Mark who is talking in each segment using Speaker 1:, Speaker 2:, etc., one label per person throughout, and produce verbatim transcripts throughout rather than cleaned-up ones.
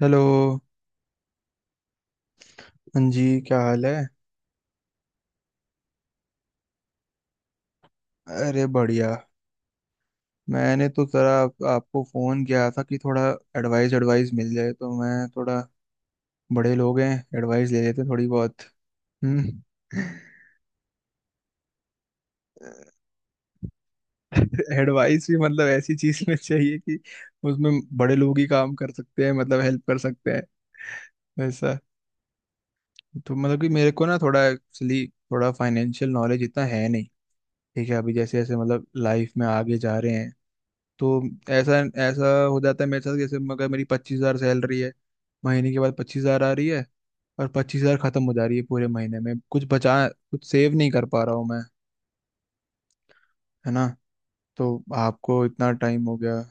Speaker 1: Hello. हाँ जी। क्या हाल है? अरे बढ़िया। मैंने तो जरा आप, आपको फ़ोन किया था कि थोड़ा एडवाइस एडवाइस मिल जाए तो मैं थोड़ा, बड़े लोग हैं, एडवाइस ले लेते थोड़ी बहुत। हम्म। एडवाइस भी मतलब ऐसी चीज़ में चाहिए कि उसमें बड़े लोग ही काम कर सकते हैं, मतलब हेल्प कर सकते हैं, वैसा। तो मतलब कि मेरे को ना, थोड़ा एक्चुअली थोड़ा फाइनेंशियल नॉलेज इतना है नहीं। ठीक है, अभी जैसे जैसे मतलब लाइफ में आगे जा रहे हैं, तो ऐसा ऐसा हो जाता है मेरे साथ, जैसे अगर मेरी पच्चीस हजार सैलरी है, महीने के बाद पच्चीस हजार आ रही है और पच्चीस हजार खत्म हो जा रही है पूरे महीने में, कुछ बचा, कुछ सेव नहीं कर पा रहा हूँ मैं, है ना। तो आपको इतना टाइम हो गया।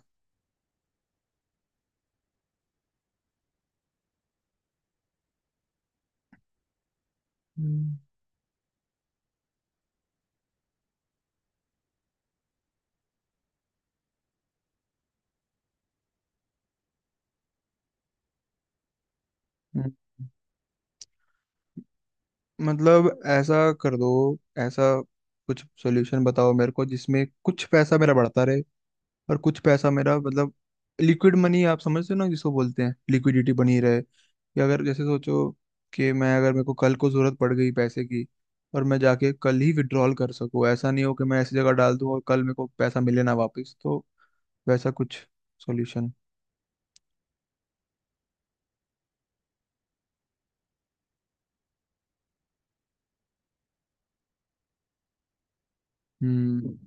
Speaker 1: हम्म, हम्म। मतलब ऐसा कर दो, ऐसा कुछ सॉल्यूशन बताओ मेरे को जिसमें कुछ पैसा मेरा बढ़ता रहे और कुछ पैसा मेरा मतलब लिक्विड मनी। आप समझते हो ना, जिसको बोलते हैं लिक्विडिटी बनी रहे, कि अगर जैसे सोचो कि मैं अगर, मेरे को कल को जरूरत पड़ गई पैसे की, और मैं जाके कल ही विड्रॉल कर सकूं, ऐसा नहीं हो कि मैं ऐसी जगह डाल दूं और कल मेरे को पैसा मिले ना वापस, तो वैसा कुछ सॉल्यूशन। हम्म।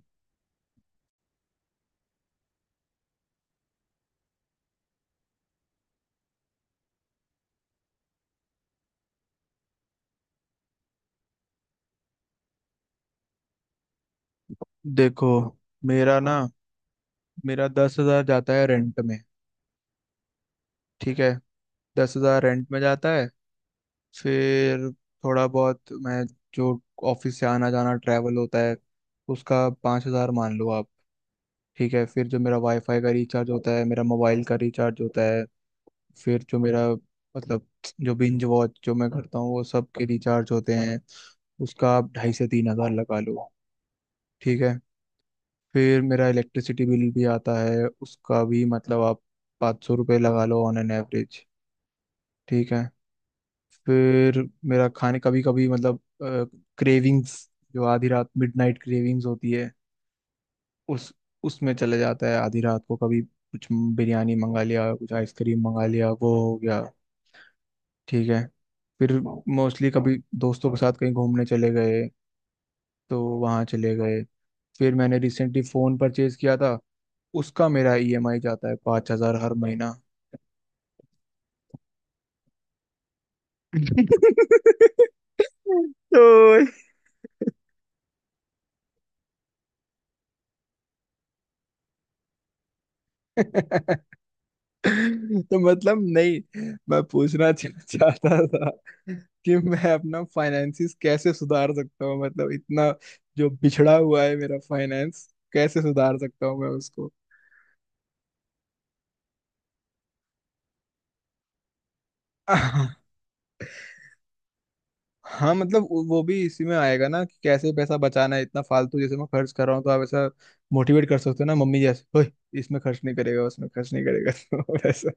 Speaker 1: देखो, मेरा ना मेरा दस हजार जाता है रेंट में। ठीक है, दस हजार रेंट में जाता है। फिर थोड़ा बहुत मैं, जो ऑफिस से आना जाना ट्रैवल होता है, उसका पाँच हज़ार मान लो आप। ठीक है, फिर जो मेरा वाईफाई का रिचार्ज होता है, मेरा मोबाइल का रिचार्ज होता है, फिर जो मेरा मतलब जो बिंज वॉच जो मैं करता हूँ वो सब के रिचार्ज होते हैं, उसका आप ढाई से तीन हज़ार लगा लो। ठीक है। फिर मेरा इलेक्ट्रिसिटी बिल भी आता है, उसका भी मतलब आप पाँच सौ रुपये लगा लो ऑन एन एवरेज। ठीक है। फिर मेरा खाने कभी कभी मतलब, क्रेविंग्स, जो आधी रात मिडनाइट क्रेविंग्स होती है, उस उसमें चले जाता है आधी रात को, कभी कुछ बिरयानी मंगा लिया, कुछ आइसक्रीम मंगा लिया, वो हो गया। ठीक है। फिर मोस्टली कभी दोस्तों के साथ कहीं घूमने चले गए, तो वहाँ चले गए। फिर मैंने रिसेंटली फ़ोन परचेज किया था, उसका मेरा ईएमआई जाता है पाँच हज़ार हर महीना। तो। तो मतलब नहीं, मैं पूछना चा- चाहता था कि मैं अपना फाइनेंसिस कैसे सुधार सकता हूँ, मतलब इतना जो बिछड़ा हुआ है मेरा फाइनेंस, कैसे सुधार सकता हूँ मैं उसको। हाँ मतलब वो वो भी इसी में आएगा ना, कि कैसे पैसा बचाना है, इतना फालतू जैसे मैं खर्च कर रहा हूँ, तो आप ऐसा मोटिवेट कर सकते हो ना, मम्मी जैसे, ओए इसमें खर्च नहीं करेगा, उसमें खर्च नहीं करेगा, तो वैसा।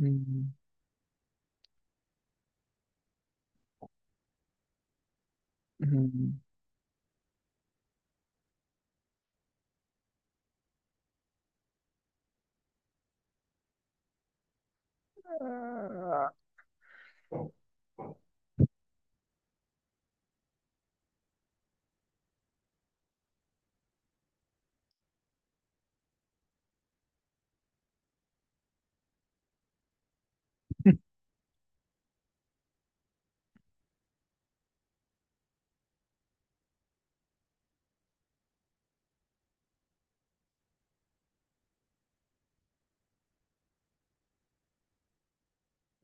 Speaker 1: हम्म, हम्म।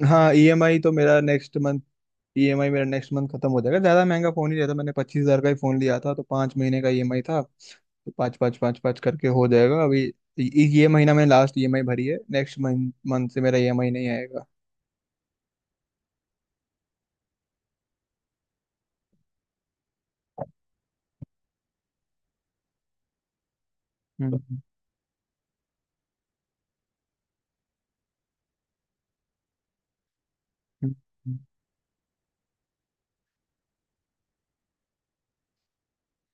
Speaker 1: हाँ, ईएमआई तो मेरा नेक्स्ट मंथ, ईएमआई मेरा नेक्स्ट मंथ खत्म हो जाएगा। ज़्यादा महंगा फ़ोन ही रहता, मैंने पच्चीस हज़ार का ही फ़ोन लिया था, तो पाँच महीने का ईएमआई था, तो पाँच पाँच पाँच पाँच करके हो जाएगा अभी। ये ये महीना मैंने लास्ट ईएमआई भरी है, नेक्स्ट मंथ मंथ से मेरा ईएमआई नहीं आएगा। हम्म। हम्म, हम्म,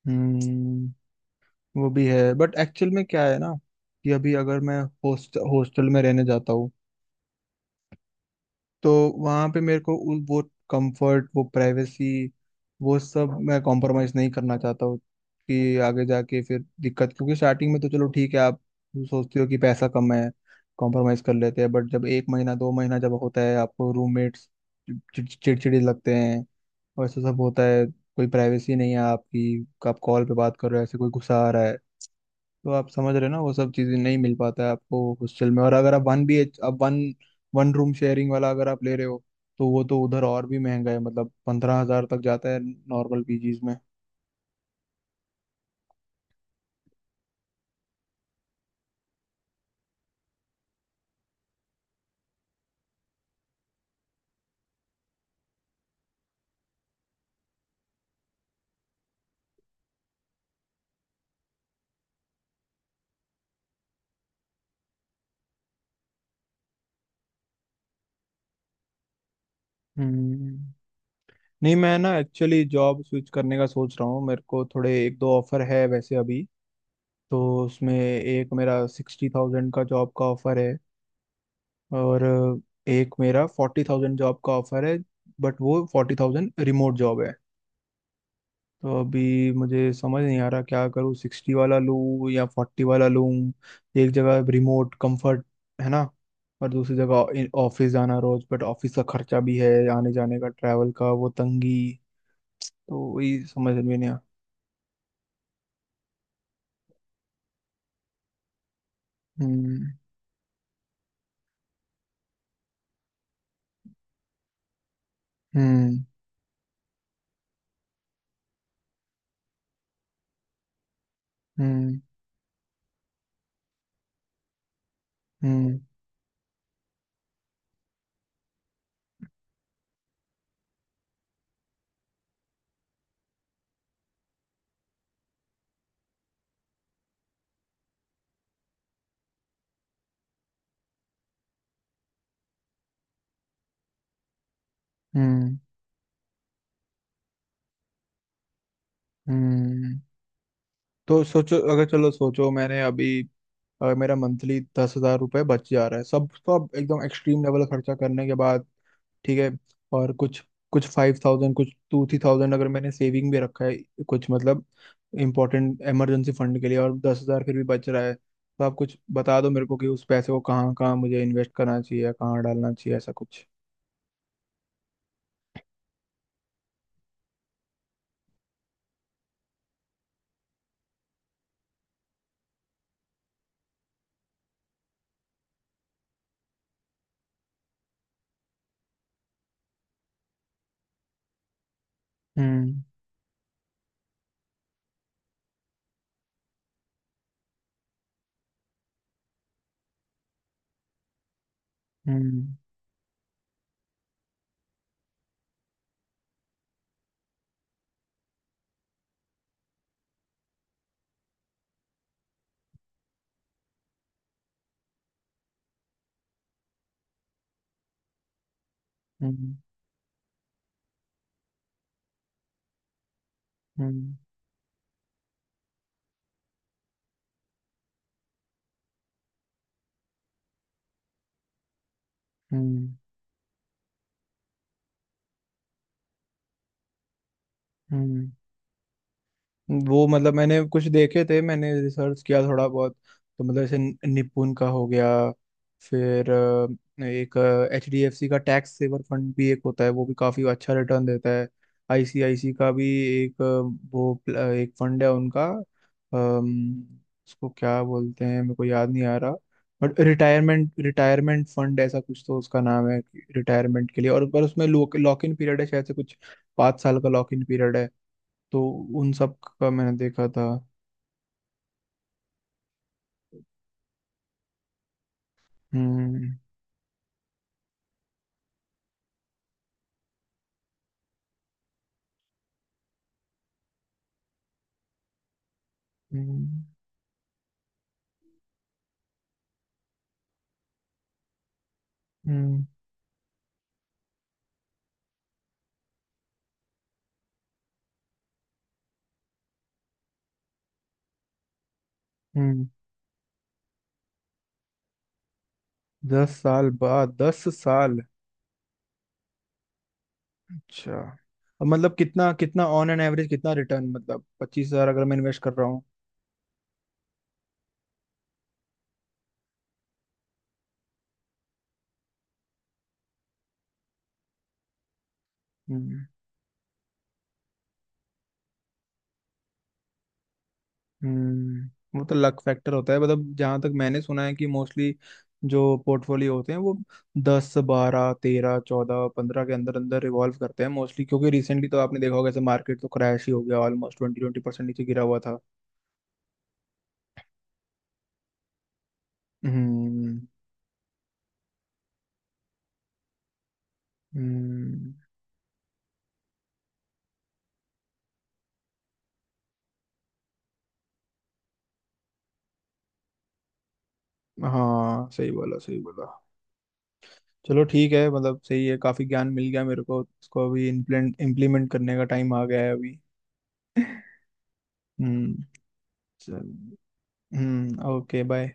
Speaker 1: हम्म। वो भी है बट एक्चुअल में क्या है ना, कि अभी अगर मैं होस्ट हॉस्टल में रहने जाता हूँ, तो वहां पे मेरे को उस वो कंफर्ट, वो प्राइवेसी, वो सब मैं कॉम्प्रोमाइज नहीं करना चाहता हूँ, कि आगे जाके फिर दिक्कत, क्योंकि स्टार्टिंग में तो चलो ठीक है, आप सोचते हो कि पैसा कम है, कॉम्प्रोमाइज कर लेते हैं, बट जब एक महीना, दो महीना जब होता है, आपको रूममेट्स चिड़चिड़े लगते हैं और ऐसा सब होता है। कोई प्राइवेसी नहीं है आपकी, आप कॉल पे बात कर रहे हो ऐसे, कोई गुस्सा आ रहा है। तो आप समझ रहे हो ना, वो सब चीजें नहीं मिल पाता है आपको हॉस्टल में, और अगर आप वन बी एच आप वन वन रूम शेयरिंग वाला अगर आप ले रहे हो, तो वो तो उधर और भी महंगा है, मतलब पंद्रह हजार तक जाता है नॉर्मल पीजीज में। हम्म। नहीं, मैं ना एक्चुअली जॉब स्विच करने का सोच रहा हूँ, मेरे को थोड़े एक दो ऑफर है वैसे अभी। तो उसमें एक मेरा सिक्सटी थाउजेंड का जॉब का ऑफर है, और एक मेरा फोर्टी थाउजेंड जॉब का ऑफर है, बट वो फोर्टी थाउजेंड रिमोट जॉब है। तो अभी मुझे समझ नहीं आ रहा क्या करूँ, सिक्सटी वाला लूँ या फोर्टी वाला लूँ। एक जगह रिमोट कंफर्ट, है ना, और दूसरी जगह ऑफिस जाना रोज, बट ऑफिस का खर्चा भी है आने जाने का, ट्रैवल का, वो तंगी, तो वही समझ में नहीं आ। हम्म। हम्म। हम्म। हम्म। हम्म। हम्म। तो सोचो, अगर चलो सोचो, मैंने अभी अ, मेरा मंथली दस हजार रुपये बच जा रहा है सब सब एकदम एक्सट्रीम लेवल खर्चा करने के बाद। ठीक है। और कुछ कुछ फाइव थाउजेंड, कुछ टू थ्री थाउजेंड अगर मैंने सेविंग भी रखा है, कुछ मतलब इम्पोर्टेंट इमरजेंसी फंड के लिए, और दस हजार फिर भी बच रहा है, तो आप कुछ बता दो मेरे को कि उस पैसे को कहाँ कहाँ मुझे इन्वेस्ट करना चाहिए या कहाँ डालना चाहिए, ऐसा कुछ। हम्म। हम्म। हम्म। हम्म। हम्म। हम्म। वो मतलब मैंने कुछ देखे थे, मैंने रिसर्च किया थोड़ा बहुत, तो मतलब जैसे निपुण का हो गया, फिर अ, एक एच डी एफ सी का टैक्स सेवर फंड भी एक होता है, वो भी काफी अच्छा रिटर्न देता है। आईसीआईसी का भी एक अ, वो प्ल- अ, एक फंड है उनका, अम, उसको क्या बोलते हैं मेरे को याद नहीं आ रहा, बट रिटायरमेंट रिटायरमेंट फंड ऐसा कुछ तो उसका नाम है, रिटायरमेंट के लिए, और पर उसमें लॉक इन पीरियड है शायद से कुछ, पाँच साल का लॉक इन पीरियड है। तो उन सब का मैंने देखा था। हम्म। हम्म। हम्म। हम्म। दस साल बाद? दस साल? अच्छा। अब मतलब कितना कितना ऑन एन एवरेज कितना रिटर्न मतलब, पच्चीस हजार अगर मैं इन्वेस्ट कर रहा हूँ। हम्म। हम्म। वो तो लक फैक्टर होता है, मतलब जहां तक मैंने सुना है कि मोस्टली जो पोर्टफोलियो होते हैं वो दस बारह तेरह चौदह पंद्रह के अंदर अंदर रिवॉल्व करते हैं मोस्टली, क्योंकि रिसेंटली तो आपने देखा होगा ऐसे मार्केट तो क्रैश ही हो गया, ऑलमोस्ट ट्वेंटी ट्वेंटी परसेंट नीचे गिरा हुआ था। हम्म। हम्म। हाँ, सही बोला, सही बोला। चलो ठीक है, मतलब सही है, काफी ज्ञान मिल गया मेरे को, इसको अभी इम्प्लेंट इम्प्लीमेंट करने का टाइम आ गया है अभी। हम्म। चलिए। हम्म। ओके। बाय।